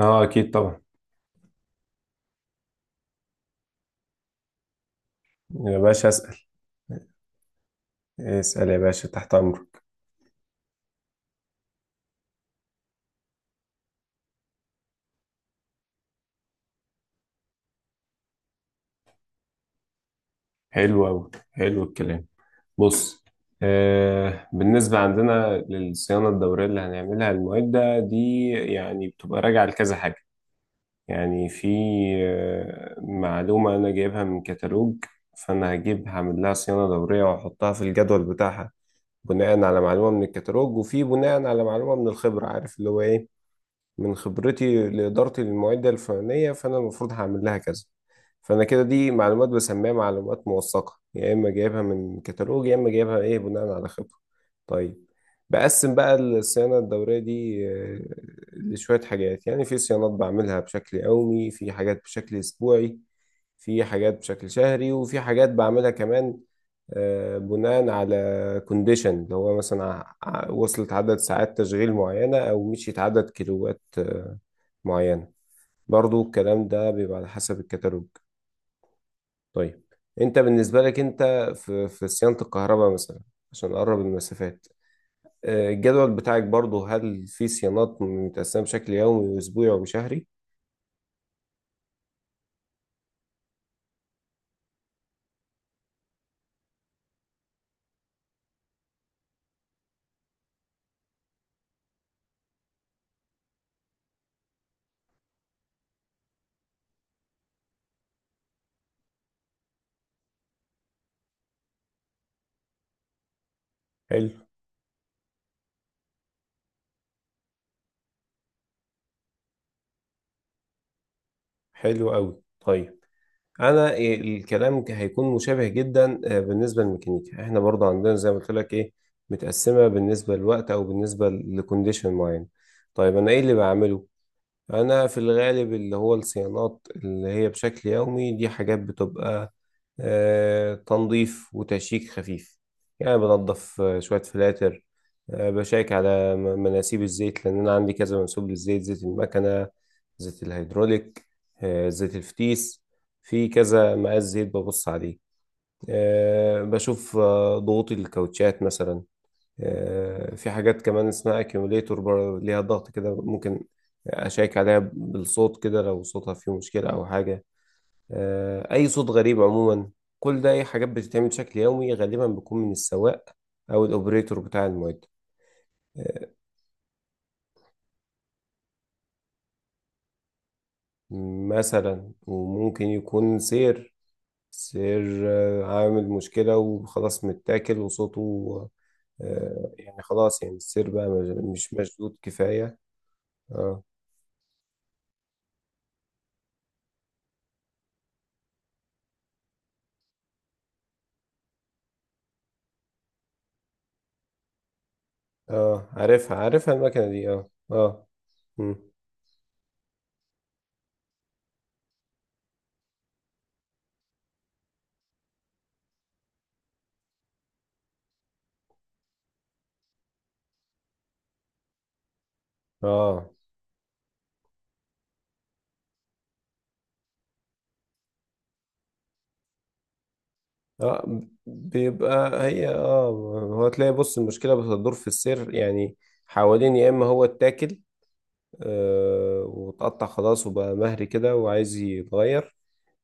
اه، اكيد طبعا. يا باشا اسال اسال يا باشا، تحت امرك. حلو قوي، حلو الكلام. بص. بالنسبه عندنا للصيانه الدوريه اللي هنعملها، المواد ده دي يعني بتبقى راجعه لكذا حاجه. يعني في معلومه انا جايبها من كتالوج، فانا هجيب هعمل لها صيانه دوريه واحطها في الجدول بتاعها بناء على معلومه من الكتالوج، وفي بناء على معلومه من الخبره، عارف اللي هو ايه، من خبرتي لإدارتي للمعدة الفلانية فأنا المفروض هعمل لها كذا. فأنا كده دي معلومات بسميها معلومات موثقة، يا إما جايبها من كتالوج يا إما جايبها إيه بناء على خبرة. طيب. بقسم بقى الصيانة الدورية دي لشوية حاجات، يعني في صيانات بعملها بشكل يومي، في حاجات بشكل أسبوعي، في حاجات بشكل شهري، وفي حاجات بعملها كمان بناء على كونديشن، اللي هو مثلا وصلت عدد ساعات تشغيل معينة أو مشيت عدد كيلوات معينة. برضو الكلام ده بيبقى على حسب الكتالوج. طيب. أنت بالنسبة لك أنت، في صيانة الكهرباء مثلا، عشان نقرب المسافات، الجدول بتاعك برضو، هل في صيانات متقسمة بشكل يومي وأسبوعي وشهري؟ حلو. حلو أوي. طيب. انا إيه الكلام هيكون مشابه جدا، بالنسبه للميكانيكا احنا برضه عندنا زي ما قلت لك ايه، متقسمه بالنسبه للوقت او بالنسبه لكونديشن معين. طيب انا ايه اللي بعمله. انا في الغالب اللي هو الصيانات اللي هي بشكل يومي دي حاجات بتبقى تنظيف وتشيك خفيف. يعني بنظف شوية فلاتر، بشيك على مناسيب الزيت، لأن أنا عندي كذا منسوب للزيت، زيت المكنة، زيت الهيدروليك، زيت الفتيس، في كذا مقاس زيت ببص عليه. بشوف ضغوط الكاوتشات مثلا. في حاجات كمان اسمها اكيوميليتور ليها ضغط كده، ممكن أشيك عليها بالصوت كده لو صوتها فيه مشكلة أو حاجة. أي صوت غريب عموما. كل ده أي حاجات بتتعمل بشكل يومي غالبا بتكون من السواق أو الأوبريتور بتاع المعدة. آه، مثلا وممكن يكون سير، عامل مشكلة وخلاص متاكل وصوته يعني خلاص، يعني السير بقى مش مشدود كفاية. اه اه، عارفها المكنة دي، اه اه. مم. اه اه. بيبقى هي اه، هو تلاقي، بص، المشكلة بتدور في السير يعني، حوالين، يا اما هو اتاكل آه واتقطع خلاص وبقى مهري كده وعايز يتغير،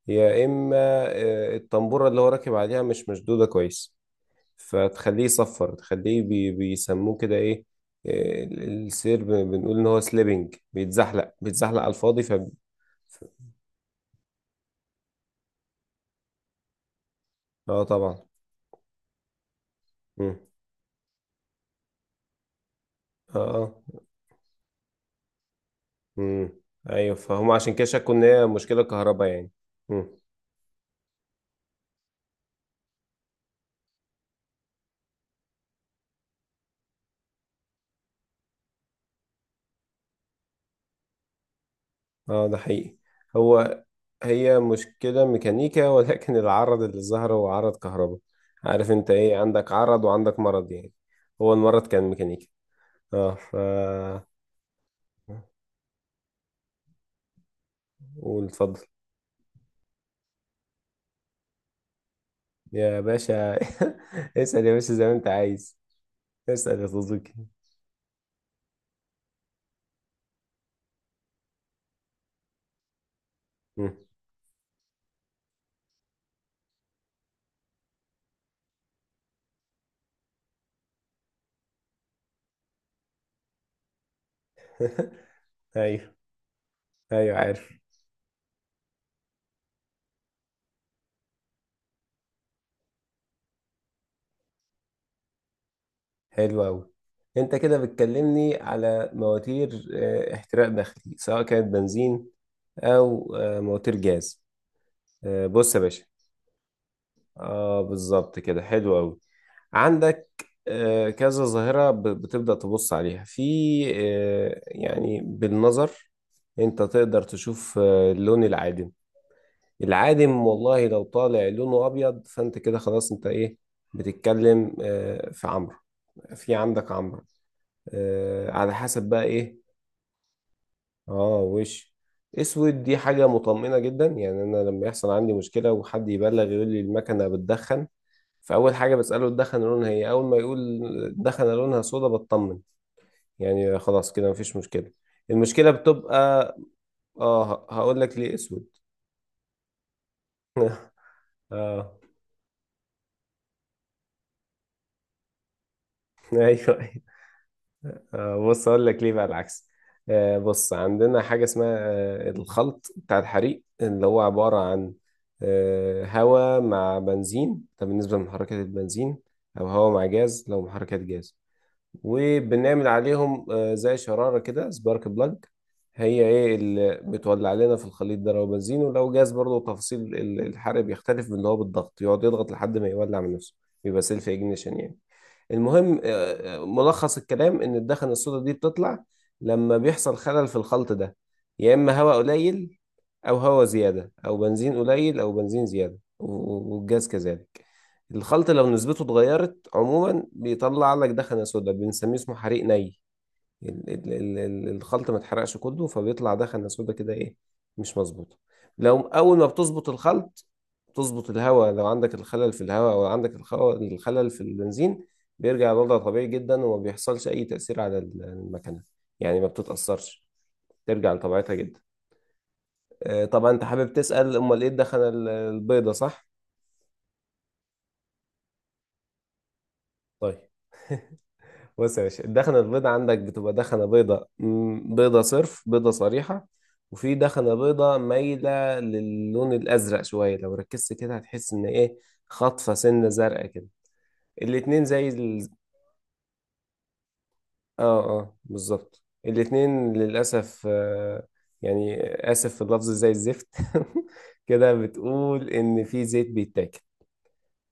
يا اما آه الطنبورة اللي هو راكب عليها مش مشدودة كويس، فتخليه يصفر، تخليه بي بيسموه كده ايه، السير بنقول ان هو سليبنج، بيتزحلق بيتزحلق على الفاضي ف. اه طبعا. مم. اه اه. امم. ايوه فهم، عشان كده شكوا ان هي مشكله كهرباء يعني. امم. اه ده حقيقي. هو، هي مشكله ميكانيكا ولكن العرض اللي ظهر هو عرض كهرباء. عارف انت ايه، عندك عرض وعندك مرض يعني. هو المرض كان ميكانيكا. اه ف. قول اتفضل. يا باشا. اسال يا باشا زي ما انت عايز. اسال يا صديقي. مم. ايوه. ايوه عارف. حلو أوي. أنت كده بتكلمني على مواتير احتراق داخلي سواء كانت بنزين أو مواتير جاز. بص يا باشا. آه بالظبط كده، حلو أوي. عندك كذا ظاهرة بتبدأ تبص عليها في يعني بالنظر. أنت تقدر تشوف اللون العادم. العادم والله لو طالع لونه أبيض، فأنت كده خلاص أنت إيه، بتتكلم في عمرو، في عندك عمرو، على حسب بقى ايه. اه وش، اسود دي حاجة مطمئنة جدا. يعني انا لما يحصل عندي مشكلة وحد يبلغ يقول لي المكنة بتدخن، فاول حاجة بسأله الدخن لونها ايه، اول ما يقول الدخنة لونها سودا بطمن، يعني خلاص كده مفيش مشكلة. المشكلة بتبقى، اه هقول لك ليه اسود. اه. ايوه. بص اقول لك ليه بقى العكس. بص عندنا حاجه اسمها الخلط بتاع الحريق، اللي هو عباره عن هواء مع بنزين، ده بالنسبه لمحركات البنزين، او هواء مع جاز لو محركات جاز، وبنعمل عليهم زي شراره كده، سبارك بلاج، هي ايه اللي بتولع لنا في الخليط ده لو بنزين، ولو جاز برضه تفاصيل الحرق بيختلف، من اللي هو بالضغط يقعد يضغط لحد ما يولع من نفسه، بيبقى سيلف اجنيشن يعني. المهم ملخص الكلام ان الدخن السودا دي بتطلع لما بيحصل خلل في الخلط ده، يا اما هواء قليل او هواء زياده او بنزين قليل او بنزين زياده والجاز كذلك. الخلط لو نسبته اتغيرت عموما بيطلع لك دخنة سودا، بنسميه اسمه حريق ني، الخلط ما اتحرقش كله فبيطلع ده خلة سودا كده ايه، مش مظبوطة. لو اول ما بتظبط الخلط، تظبط الهواء لو عندك الخلل في الهواء، او عندك الخلل في البنزين، بيرجع لوضع طبيعي جدا وما بيحصلش اي تأثير على المكنة. يعني ما بتتأثرش، ترجع لطبيعتها جدا. طبعا انت حابب تسأل امال ايه الدخنة البيضة صح؟ طيب. بص يا باشا، الدخنة البيضاء عندك بتبقى دخنة بيضاء، بيضاء صرف، بيضاء صريحة، وفي دخنة بيضاء مايلة للون الأزرق شوية. لو ركزت كده هتحس إن إيه، خطفة سنة زرقاء كده. الاتنين زي ال... آه آه بالظبط، الاتنين للأسف آه، يعني آسف في اللفظ زي الزفت كده، بتقول إن في زيت بيتاكل.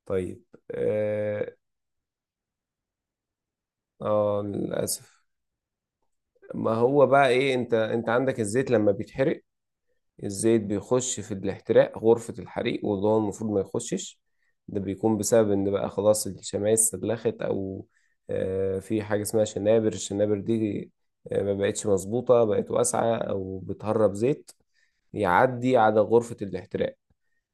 طيب. آه, آه للأسف، ما هو بقى إيه، أنت عندك الزيت لما بيتحرق، الزيت بيخش في الاحتراق، غرفة الحريق، واللي هو المفروض ما يخشش. ده بيكون بسبب ان بقى خلاص الشمعات استدلخت، او في حاجة اسمها شنابر، الشنابر دي ما بقتش مظبوطة، بقت واسعة او بتهرب زيت يعدي على غرفة الاحتراق.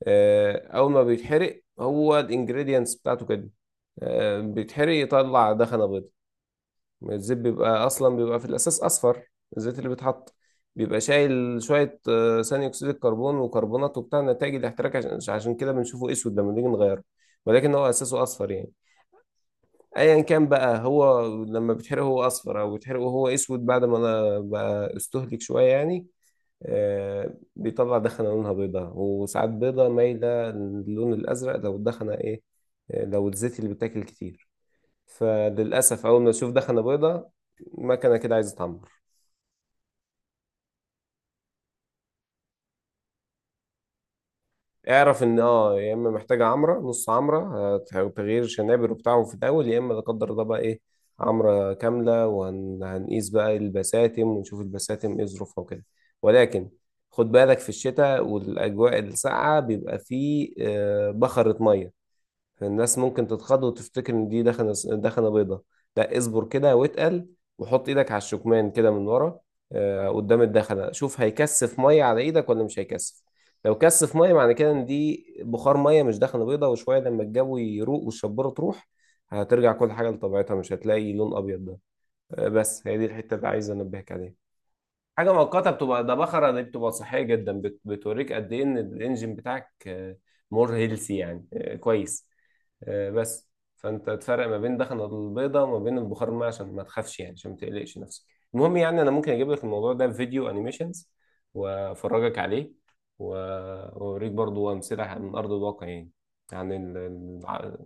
اول ما بيتحرق هو الانجريدينتس بتاعته كده بيتحرق يطلع دخنة بيضاء. الزيت بيبقى اصلا، بيبقى في الاساس اصفر. الزيت اللي بيتحط بيبقى شايل شويه ثاني اكسيد الكربون وكربونات وبتاع نتائج الاحتراق، عشان كده بنشوفه اسود لما نيجي نغيره. ولكن هو اساسه اصفر يعني. ايا كان بقى، هو لما بيتحرق هو اصفر، او بيتحرق وهو اسود بعد ما انا بقى استهلك شويه يعني، بيطلع دخنه لونها بيضاء، وساعات بيضاء مايله للون الازرق. لو الدخنه ايه، لو الزيت اللي بيتاكل كتير، فللاسف اول ما السيوف دخل بيضه، المكنه كده عايزه تعمر. اعرف ان اه، يا اما محتاجه عمره نص عمره، تغيير شنابر وبتاعه في الاول، يا اما لا قدر الله بقى ايه، عمره كامله، وهنقيس بقى البساتم ونشوف البساتم ايه ظروفها وكده. ولكن خد بالك، في الشتاء والاجواء الساقعه بيبقى فيه بخرة ميه، الناس ممكن تتخض وتفتكر ان دي دخنه، بيضه. لا اصبر كده واتقل، وحط ايدك على الشكمان كده من ورا قدام الدخنه، شوف هيكثف ميه على ايدك ولا مش هيكثف. لو كثف ميه، معنى كده ان دي بخار ميه مش دخنه بيضه. وشويه لما الجو يروق والشبوره تروح، هترجع كل حاجه لطبيعتها، مش هتلاقي لون ابيض ده. بس هي دي الحته اللي عايز انبهك عليها. حاجه مؤقته بتبقى ده، بخره دي بتبقى صحيه جدا، بتوريك قد ايه ان الانجن بتاعك مور هيلثي يعني كويس. آه، بس فانت تفرق ما بين الدخنه البيضاء وما بين البخار الماء، عشان ما تخافش يعني، عشان ما تقلقش نفسك. المهم يعني، انا ممكن اجيب لك الموضوع ده في فيديو انيميشنز وافرجك عليه، واوريك برضو امثله من ارض الواقع يعني، عن ال... ال-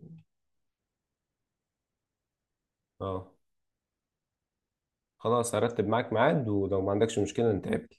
اه خلاص، هرتب معاك ميعاد ولو ما عندكش مشكله نتقابل.